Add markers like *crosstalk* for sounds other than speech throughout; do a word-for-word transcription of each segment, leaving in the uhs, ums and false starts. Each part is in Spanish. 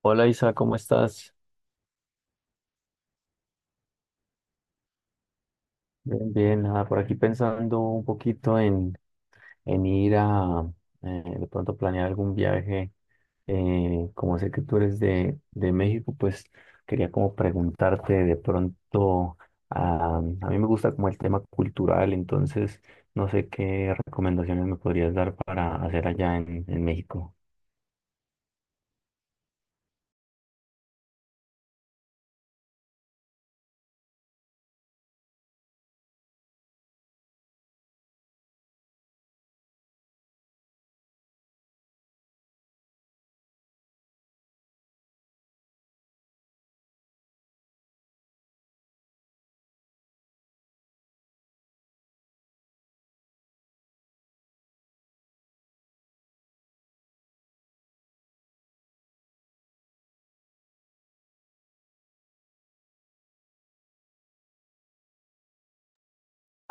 Hola Isa, ¿cómo estás? Bien, bien, nada, por aquí pensando un poquito en, en ir a eh, de pronto planear algún viaje. Eh, como sé que tú eres de, de México, pues quería como preguntarte de pronto, ah, a mí me gusta como el tema cultural, entonces no sé qué recomendaciones me podrías dar para hacer allá en, en México.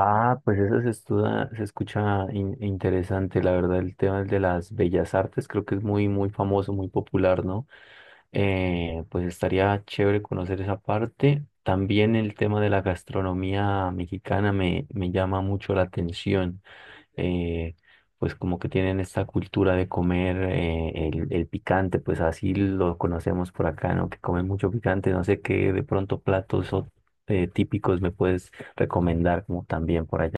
Ah, pues eso se estuda- se escucha in- interesante, la verdad, el tema de las bellas artes creo que es muy, muy famoso, muy popular, ¿no? Eh, pues estaría chévere conocer esa parte. También el tema de la gastronomía mexicana me, me llama mucho la atención. eh, pues como que tienen esta cultura de comer eh, el, el picante, pues así lo conocemos por acá, ¿no? Que comen mucho picante, no sé qué de pronto platos o, eh, típicos me puedes recomendar como también por allá.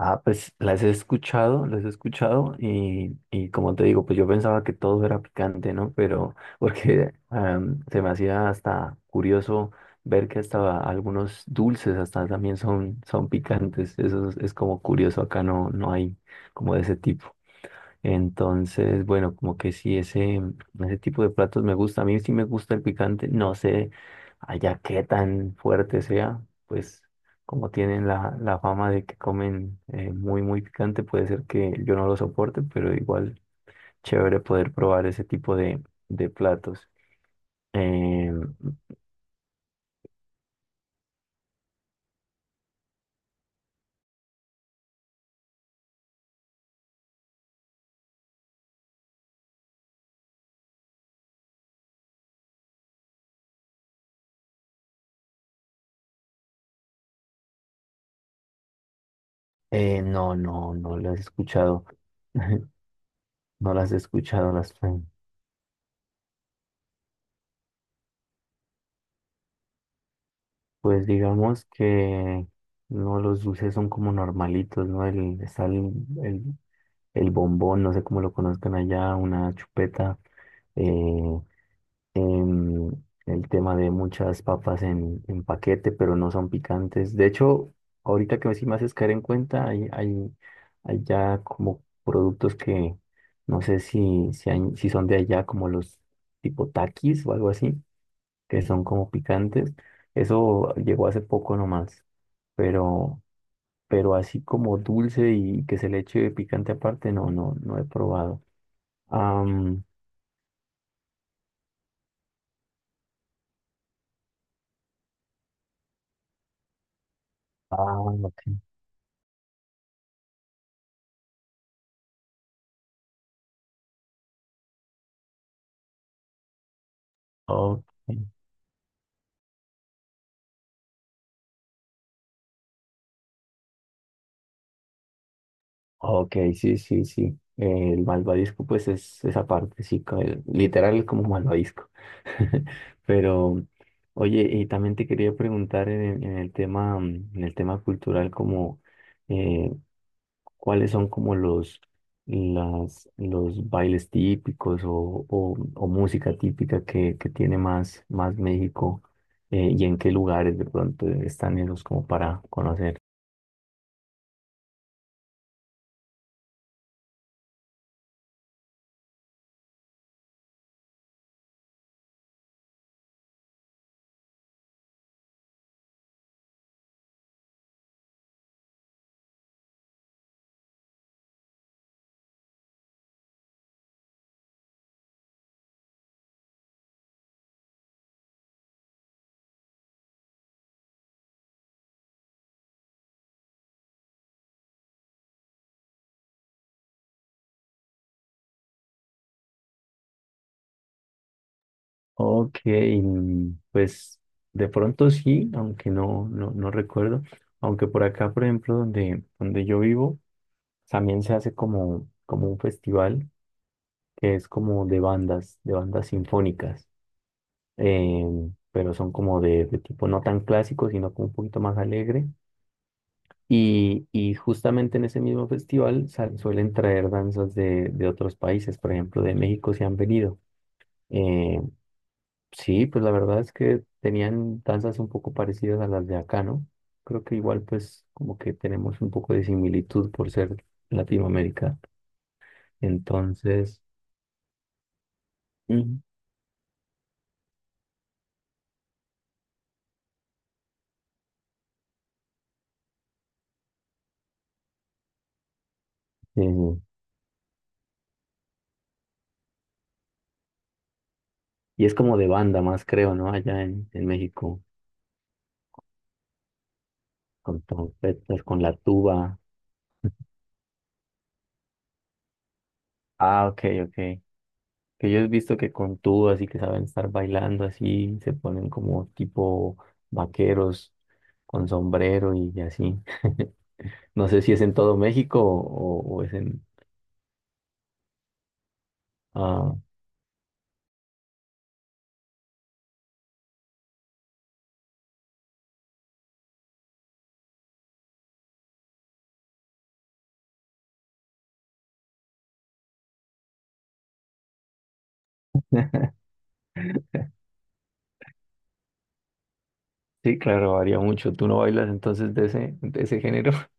Ah, pues las he escuchado, las he escuchado y, y como te digo, pues yo pensaba que todo era picante, ¿no? Pero *laughs* porque am, se me hacía hasta curioso ver que hasta algunos dulces hasta también son, son picantes. Eso es, es como curioso, acá no, no hay como de ese tipo. Entonces, bueno, como que sí, ese, ese tipo de platos me gusta. A mí sí me gusta el picante. No sé allá qué tan fuerte sea, pues como tienen la, la fama de que comen eh, muy, muy picante, puede ser que yo no lo soporte, pero igual chévere poder probar ese tipo de, de platos. Eh, eh, no, no, no las he escuchado. *laughs* No las he escuchado las... Pues digamos que no, los dulces son como normalitos, ¿no? El, está el, el, el bombón, no sé cómo lo conozcan allá, una chupeta, eh, em, el tema de muchas papas en, en paquete, pero no son picantes. De hecho, ahorita que sí me haces caer en cuenta, hay, hay, hay ya como productos que no sé si, si, hay- si son de allá, como los tipo taquis o algo así que son como picantes. Eso llegó hace poco nomás, pero, pero así como dulce y que se le eche picante aparte, no, no, no he probado. Am, ah, ok, ok, ok, sí, sí, sí. El malvadisco, pues es esa parte, sí, co- el- literal es como malvadisco. *laughs* Pero, oye, y también te quería preguntar en, el en el tema, mm, en el tema cultural, como eh, cuáles son como los, las, los bailes típicos o, o- o música típica que, que tiene más, más México, eh, y en qué lugares de pronto están esos como para conocer. Ok, pues de pronto sí, aunque no, no, no recuerdo, aunque por acá, por ejemplo, donde, donde yo vivo, también se hace como, como un festival que es como de bandas, de bandas sinfónicas. eh, pero son como de, de tipo no tan clásico, sino como un poquito más alegre. Y, y justamente en ese mismo festival sal- suelen traer danzas de, de otros países, por ejemplo, de México se han venido. Eh, sí, pues la verdad es que tenían danzas un poco parecidas a las de acá, ¿no? Creo que igual pues como que tenemos un poco de similitud por ser Latinoamérica. Entonces, ujú. eh, y es como de banda más, creo, ¿no? Allá en, en México. Con trompetas, con la tuba. Ah, ok, ok. Que yo he visto que con tubas y que saben estar bailando así, se ponen como tipo vaqueros con sombrero y así. *laughs* No sé si es en todo México o, o es en... Ah, sí, claro, varía mucho. ¿Tú no bailas entonces de ese, de ese género? *laughs*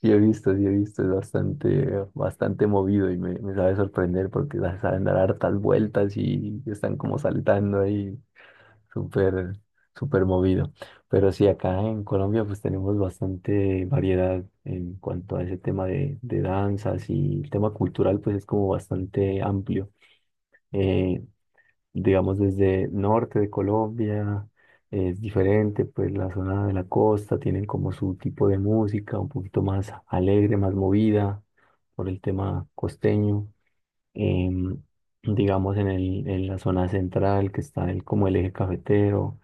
Sí he visto, sí he visto, es bastante, bastante movido y me, me sabe sorprender porque da- saben dar hartas vueltas y están como saltando ahí. Súper, súper movido. Pero sí, acá en Colombia pues tenemos bastante variedad en cuanto a ese tema de, de danzas y el tema cultural pues es como bastante amplio. Eh, digamos desde norte de Colombia es diferente, pues la zona de la costa tienen como su tipo de música un poquito más alegre, más movida por el tema costeño. Em, digamos en el, en la zona central que está el, como el eje cafetero.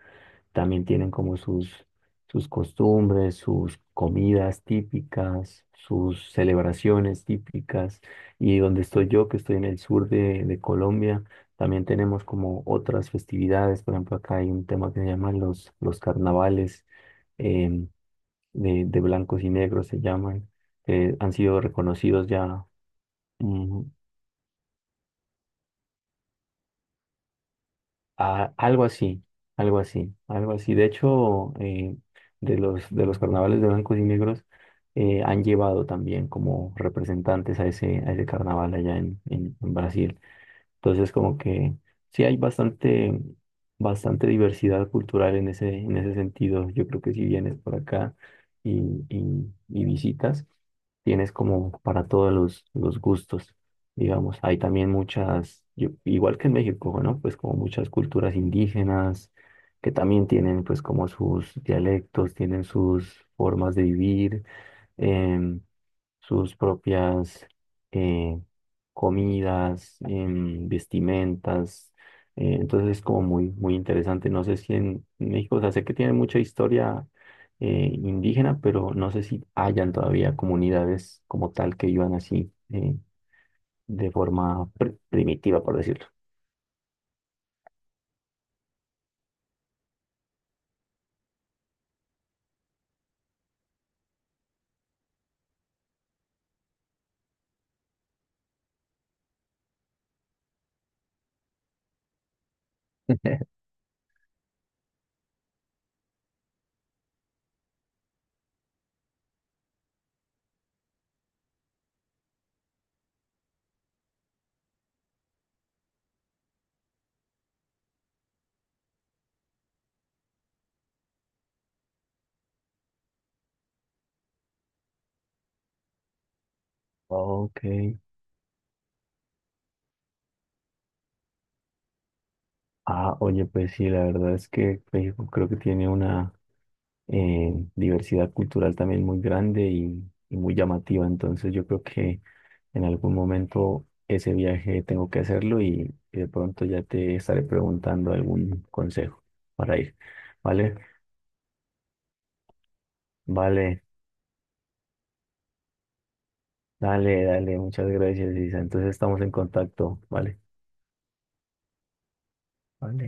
También tienen como sus, sus costumbres, sus comidas típicas, sus celebraciones típicas. Y donde estoy yo, que estoy en el sur de, de Colombia, también tenemos como otras festividades. Por ejemplo, acá hay un tema que se llama los, los carnavales, em, de, de blancos y negros, se llaman, que han sido reconocidos ya. mm, Ah, algo así, algo así, algo así. De hecho, eh, de los, de los carnavales de blancos y negros, eh, han llevado también como representantes a ese, a ese carnaval allá en, en- en Brasil. Entonces, como que sí hay bastante, bastante diversidad cultural en ese, en ese sentido. Yo creo que si vienes por acá y, y, y visitas, tienes como para todos los, los gustos, digamos. Hay también muchas, yo- igual que en México, ¿no? Pues como muchas culturas indígenas que también tienen pues como sus dialectos, tienen sus formas de vivir. em, Sus propias eh, comidas, em, vestimentas. Eh, entonces es como muy, muy interesante. No sé si en México, o sea, sé que tiene mucha historia eh, indígena, pero no sé si hayan todavía comunidades como tal que vivan así, eh, de forma pr- primitiva, por decirlo. *laughs* Ok. Ah, oye, pues sí, la verdad es que México creo que tiene una... eh, diversidad cultural también muy grande y, y muy llamativa. Entonces yo creo que en algún momento ese viaje tengo que hacerlo y, y de pronto ya te estaré preguntando algún consejo para ir. ¿Vale? Vale, dale, dale, muchas gracias, Isa. Entonces estamos en contacto, ¿vale? Vale.